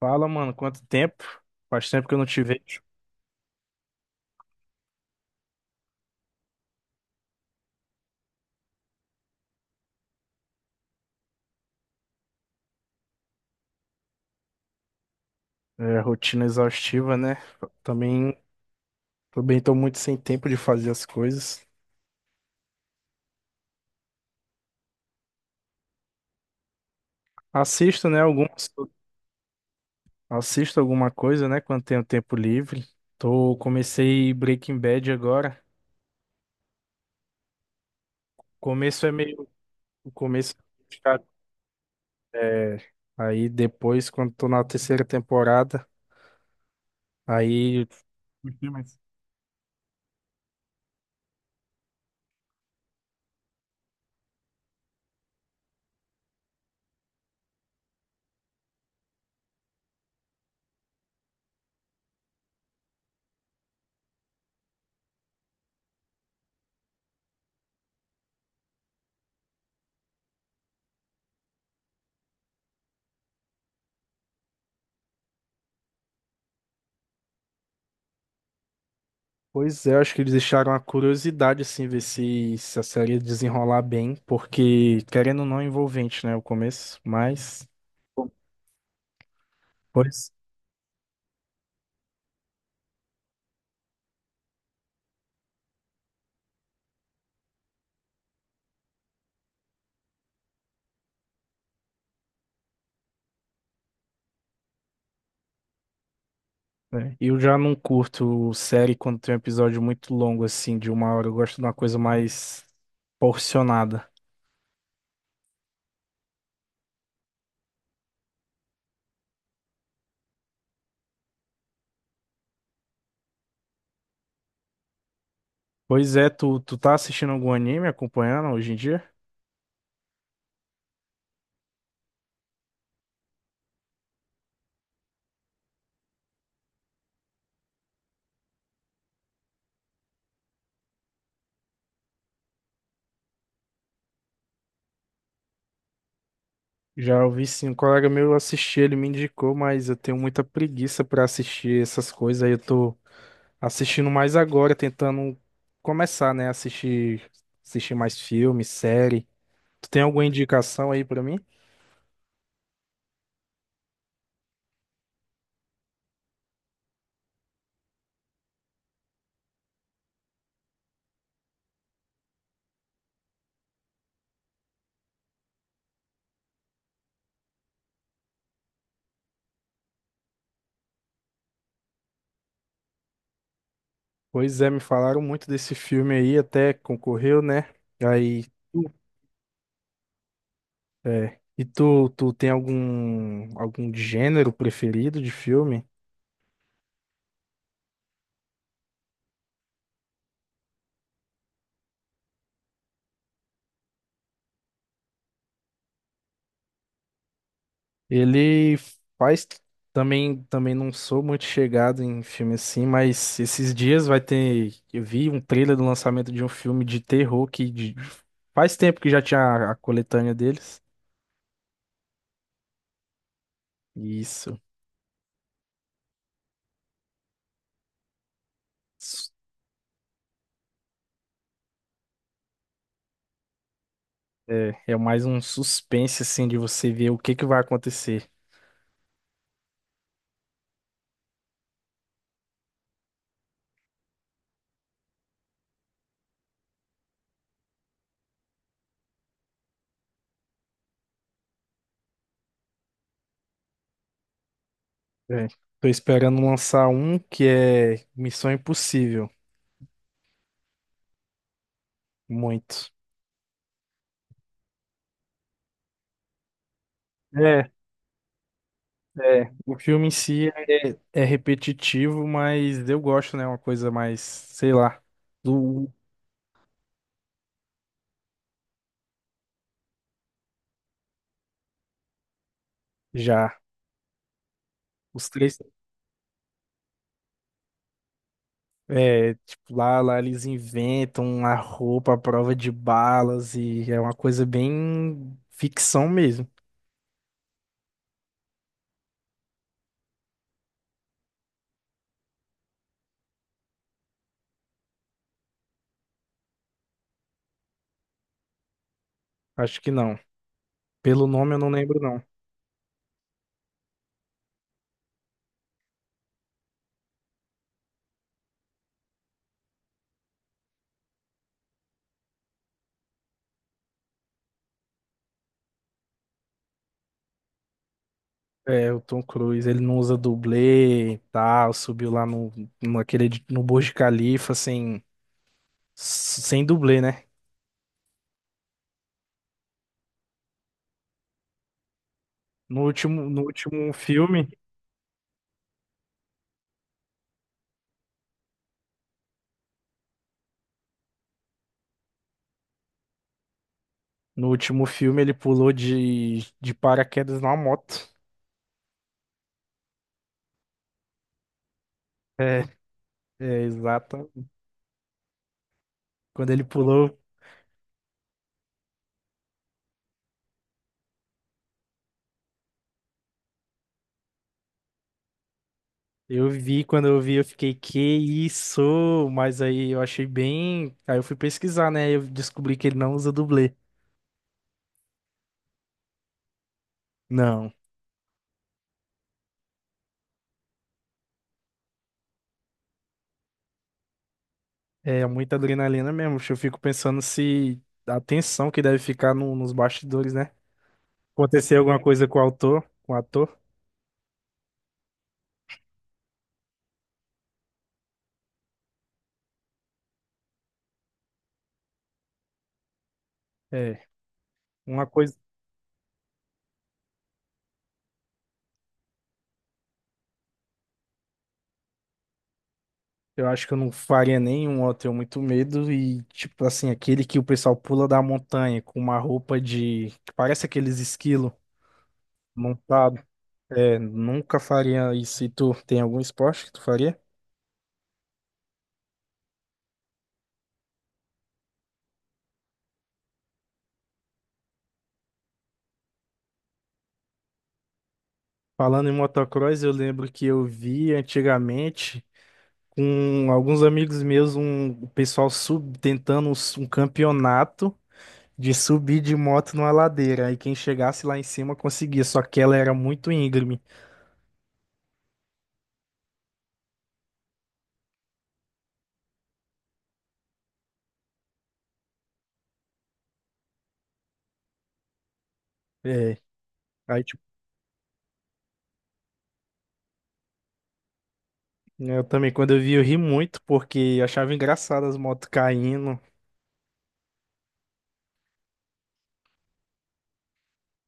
Fala, mano, quanto tempo? Faz tempo que eu não te vejo. É, rotina exaustiva, né? Também, também tô muito sem tempo de fazer as coisas. Assisto, né, algumas, assisto, alguma coisa, né, quando tenho tempo livre. Comecei Breaking Bad agora. O começo é meio, o começo É, aí depois, quando tô na terceira temporada, aí, curti, mas pois é, acho que eles deixaram a curiosidade, assim, ver se a série ia desenrolar bem, porque, querendo ou não, é envolvente, né, o começo, mas bom, pois, é. Eu já não curto série quando tem um episódio muito longo, assim, de uma hora, eu gosto de uma coisa mais porcionada. Pois é, tu tá assistindo algum anime, acompanhando hoje em dia? Já ouvi sim, um colega meu assistiu, ele me indicou, mas eu tenho muita preguiça pra assistir essas coisas aí. Eu tô assistindo mais agora, tentando começar, né? Assistir mais filme, série. Tu tem alguma indicação aí pra mim? Pois é, me falaram muito desse filme aí, até concorreu, né? Aí, tu- é. E tu, tu tem algum, algum gênero preferido de filme? Ele faz também não sou muito chegado em filme assim, mas esses dias vai ter, eu vi um trailer do lançamento de um filme de terror faz tempo que já tinha a coletânea deles. Isso. Su- É, é mais um suspense assim de você ver o que que vai acontecer. É. Tô esperando lançar um que é Missão Impossível, muito. É, é. O filme em si é repetitivo, mas eu gosto, né? Uma coisa mais, sei lá, do já. Os três, é, tipo, lá eles inventam a roupa à prova de balas e é uma coisa bem ficção mesmo. Acho que não. Pelo nome eu não lembro, não. É, o Tom Cruise, ele não usa dublê e tal, subiu lá no, no, aquele, edi- no Burj Khalifa sem dublê, né? No último filme. No último filme ele pulou de paraquedas numa moto. É, é, exato. Quando ele pulou, eu vi, quando eu vi, eu fiquei, que isso? Mas aí eu achei bem. Aí eu fui pesquisar, né? Eu descobri que ele não usa dublê. Não. É muita adrenalina mesmo. Eu fico pensando se a tensão que deve ficar nos bastidores, né? Acontecer alguma coisa com o autor, com o ator. É. Uma coisa. Eu acho que eu não faria nenhum, eu tenho muito medo. E, tipo assim, aquele que o pessoal pula da montanha com uma roupa de que parece aqueles esquilo montado. É, nunca faria isso. E tu tem algum esporte que tu faria? Falando em motocross, eu lembro que eu vi antigamente com alguns amigos meus um o pessoal tentando um um campeonato de subir de moto numa ladeira. Aí quem chegasse lá em cima conseguia, só que ela era muito íngreme. É. Aí é, eu também, quando eu vi, eu ri muito, porque eu achava engraçado as motos caindo.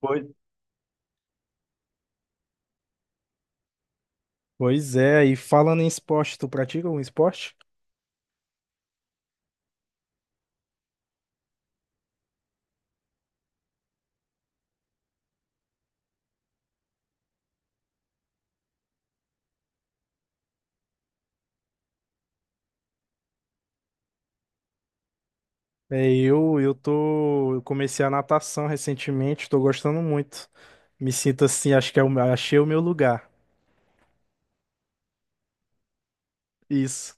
Pois, pois é, e falando em esporte, tu pratica algum esporte? É, eu comecei a natação recentemente, tô gostando muito. Me sinto assim, acho que é achei o meu lugar. Isso.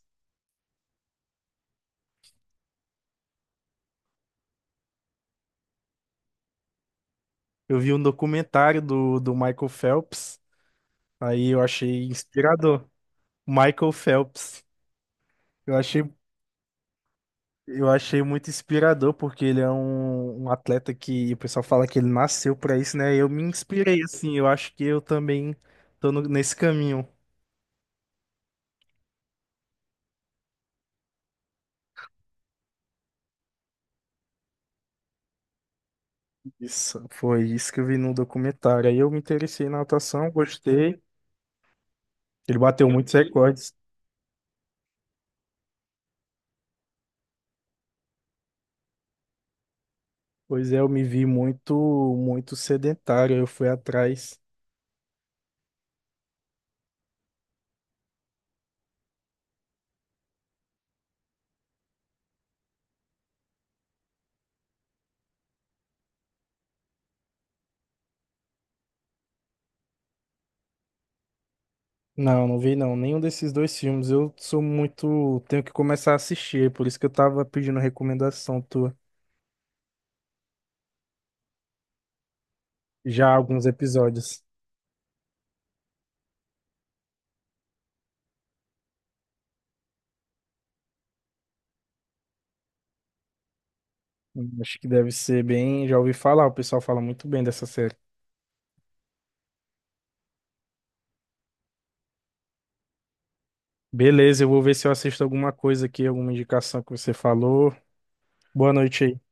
Eu vi um documentário do Michael Phelps, aí eu achei inspirador. Michael Phelps. Eu achei. Eu achei muito inspirador, porque ele é um atleta que o pessoal fala que ele nasceu pra isso, né? Eu me inspirei, assim, eu acho que eu também tô nesse caminho. Isso, foi isso que eu vi no documentário. Aí eu me interessei na natação, gostei. Ele bateu muitos recordes. Pois é, eu me vi muito sedentário, eu fui atrás. Não, não vi não, nenhum desses dois filmes. Eu sou muito, tenho que começar a assistir, é por isso que eu tava pedindo recomendação tua. Já há alguns episódios. Acho que deve ser bem. Já ouvi falar, o pessoal fala muito bem dessa série. Beleza, eu vou ver se eu assisto alguma coisa aqui, alguma indicação que você falou. Boa noite aí.